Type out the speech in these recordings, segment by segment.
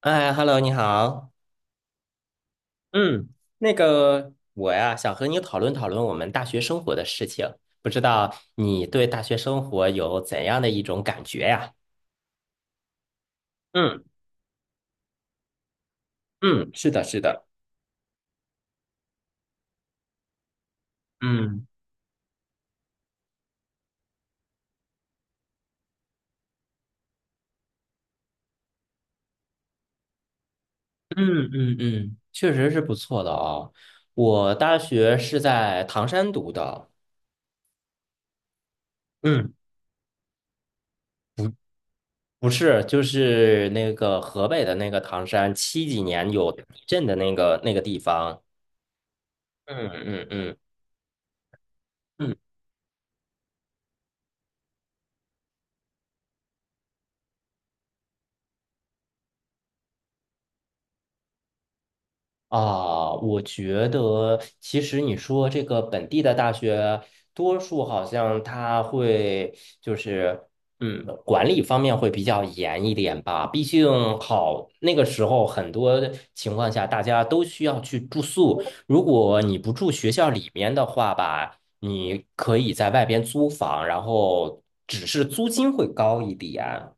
哎，Hello，你好。嗯，那个我呀，想和你讨论讨论我们大学生活的事情。不知道你对大学生活有怎样的一种感觉呀？嗯嗯，是的，是的。嗯嗯嗯嗯，确实是不错的哦。我大学是在唐山读的。嗯，不不是，就是那个河北的那个唐山，七几年有地震的那个地方。嗯嗯嗯。啊，我觉得其实你说这个本地的大学，多数好像它会就是，管理方面会比较严一点吧。毕竟好，那个时候很多情况下大家都需要去住宿，如果你不住学校里面的话吧，你可以在外边租房，然后只是租金会高一点。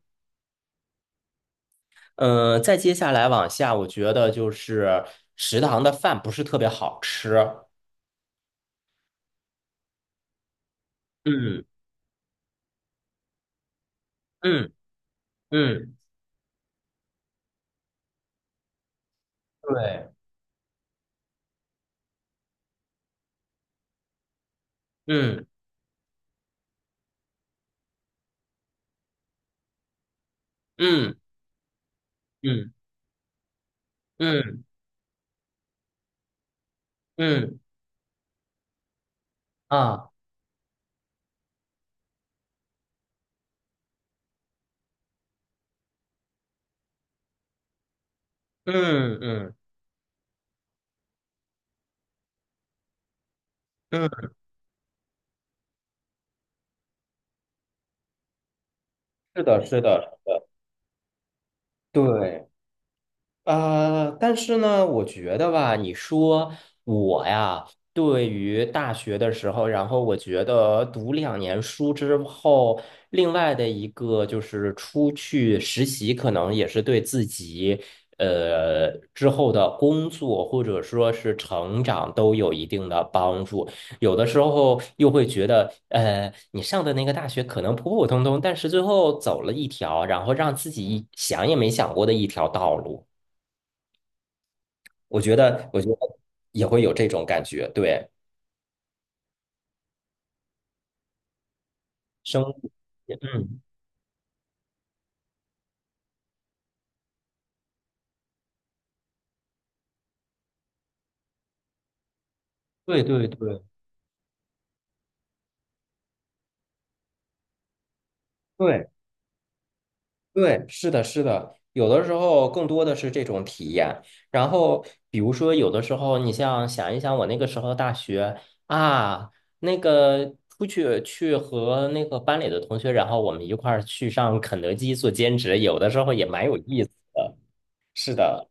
嗯，再接下来往下，我觉得就是食堂的饭不是特别好吃。嗯嗯嗯，对，嗯嗯嗯嗯嗯啊，嗯嗯嗯，是的，是的，对。但是呢，我觉得吧，你说我呀，对于大学的时候，然后我觉得读两年书之后，另外的一个就是出去实习，可能也是对自己之后的工作或者说是成长都有一定的帮助。有的时候又会觉得，你上的那个大学可能普普通通，但是最后走了一条，然后让自己想也没想过的一条道路。我觉得也会有这种感觉，对，生物，嗯，对对对，是的，是的，有的时候更多的是这种体验。然后，比如说，有的时候你像想一想，我那个时候大学啊，那个出去去和那个班里的同学，然后我们一块儿去上肯德基做兼职，有的时候也蛮有意思的。是的，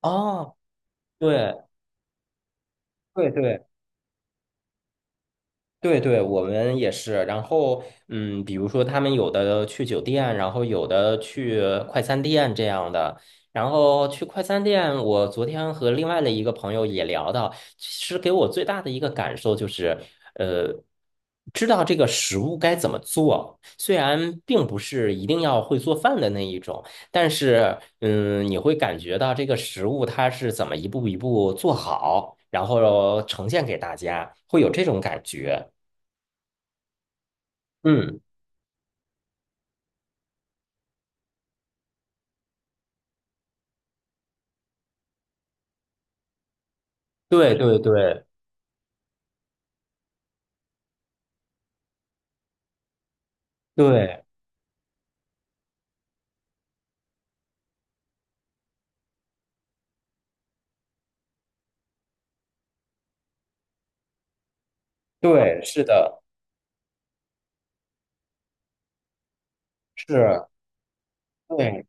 哦，对对对。对对，我们也是。然后，嗯，比如说他们有的去酒店，然后有的去快餐店这样的。然后去快餐店，我昨天和另外的一个朋友也聊到，其实给我最大的一个感受就是，呃，知道这个食物该怎么做。虽然并不是一定要会做饭的那一种，但是，嗯，你会感觉到这个食物它是怎么一步一步做好，然后呈现给大家，会有这种感觉。嗯，对对对对对，是的，是，对，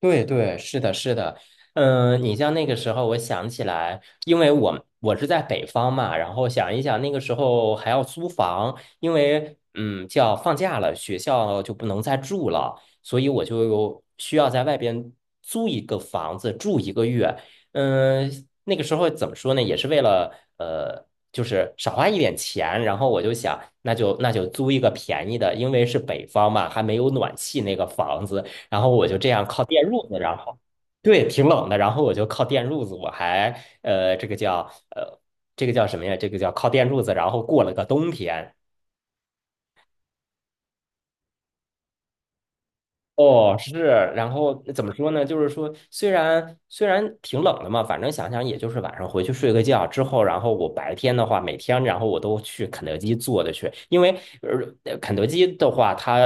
对对，是的，是的，嗯，你像那个时候，我想起来，因为我是在北方嘛，然后想一想那个时候还要租房，因为嗯，叫放假了，学校就不能再住了，所以我就需要在外边租一个房子住一个月。嗯，那个时候怎么说呢，也是为了呃，就是少花一点钱，然后我就想，那就租一个便宜的，因为是北方嘛，还没有暖气那个房子。然后我就这样靠电褥子，然后对，挺冷的，然后我就靠电褥子，我还呃，这个叫呃，这个叫什么呀？这个叫靠电褥子，然后过了个冬天。哦，是，然后怎么说呢？就是说，虽然挺冷的嘛，反正想想也就是晚上回去睡个觉之后，然后我白天的话，每天然后我都去肯德基坐着去，因为肯德基的话它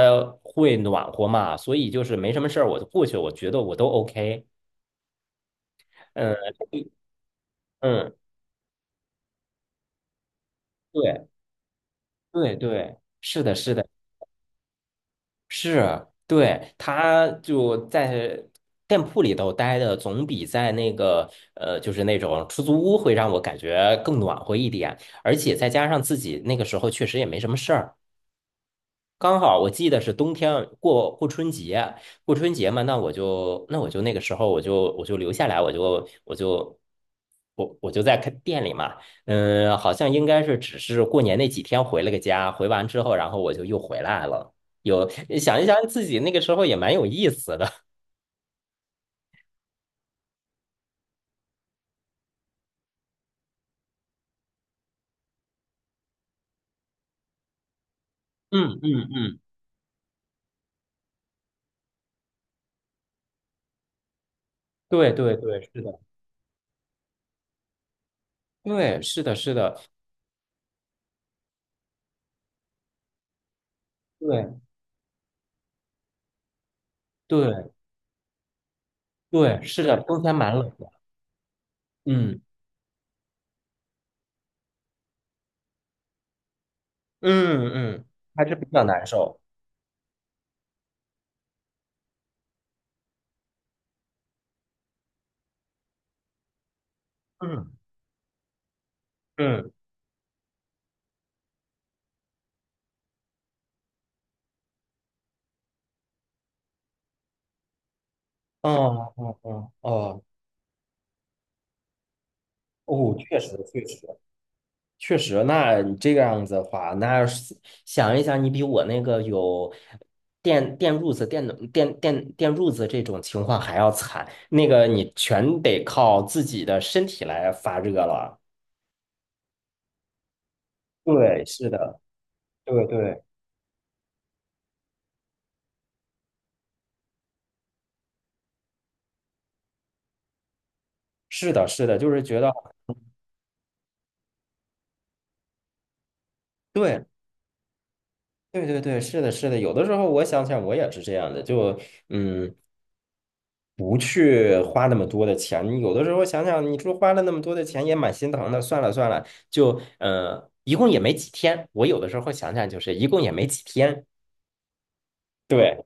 会暖和嘛，所以就是没什么事儿我就过去，我觉得我都 OK。嗯嗯，对。对对，是的，是的，是，对，他就在店铺里头待的，总比在那个就是那种出租屋会让我感觉更暖和一点，而且再加上自己那个时候确实也没什么事儿，刚好我记得是冬天过春节，过春节嘛，那我就那个时候我就留下来，我就在开店里嘛，嗯，好像应该是只是过年那几天回了个家，回完之后，然后我就又回来了。有想一想自己那个时候也蛮有意思的，嗯嗯嗯，对对对，是的，对是的是的，对对对，是的，冬天蛮冷的，嗯嗯嗯，还是比较难受，嗯嗯。哦哦哦哦，哦，确实，那你这个样子的话，那是想一想，你比我那个有电电褥子、电暖电电电褥子这种情况还要惨，那个你全得靠自己的身体来发热了。对，是的，对对，是的，是的，就是觉得，对对对对，是的，是的，有的时候我想想，我也是这样的，就嗯。不去花那么多的钱。你有的时候想想，你说花了那么多的钱也蛮心疼的。算了算了，就一共也没几天。我有的时候想想，就是一共也没几天。对，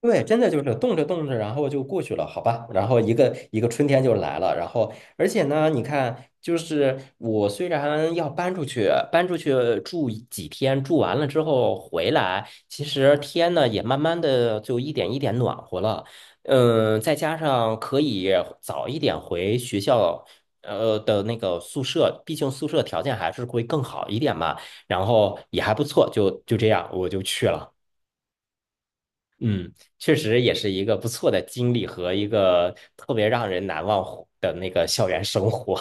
对，真的就是动着动着，然后就过去了，好吧？然后一个一个春天就来了，然后而且呢，你看，就是我虽然要搬出去，住一几天，住完了之后回来，其实天呢也慢慢的就一点一点暖和了，嗯，再加上可以早一点回学校。那个宿舍，毕竟宿舍条件还是会更好一点嘛，然后也还不错，就这样，我就去了。嗯，确实也是一个不错的经历和一个特别让人难忘的那个校园生活。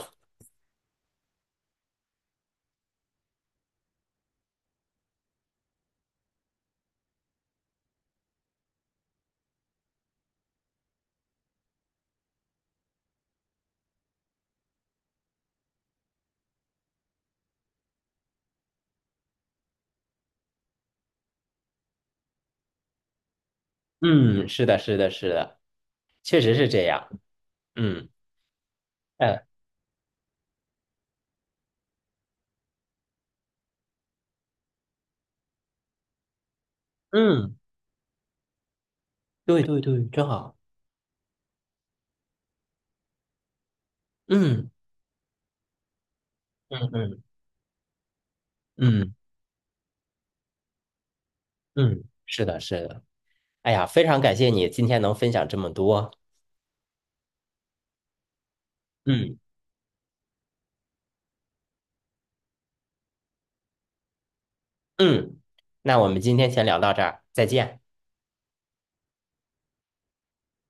嗯，是的，是的，是的，确实是这样。嗯，哎，嗯，对对对，真好。嗯嗯嗯嗯嗯，是的，是的。哎呀，非常感谢你今天能分享这么多。嗯嗯，那我们今天先聊到这儿，再见。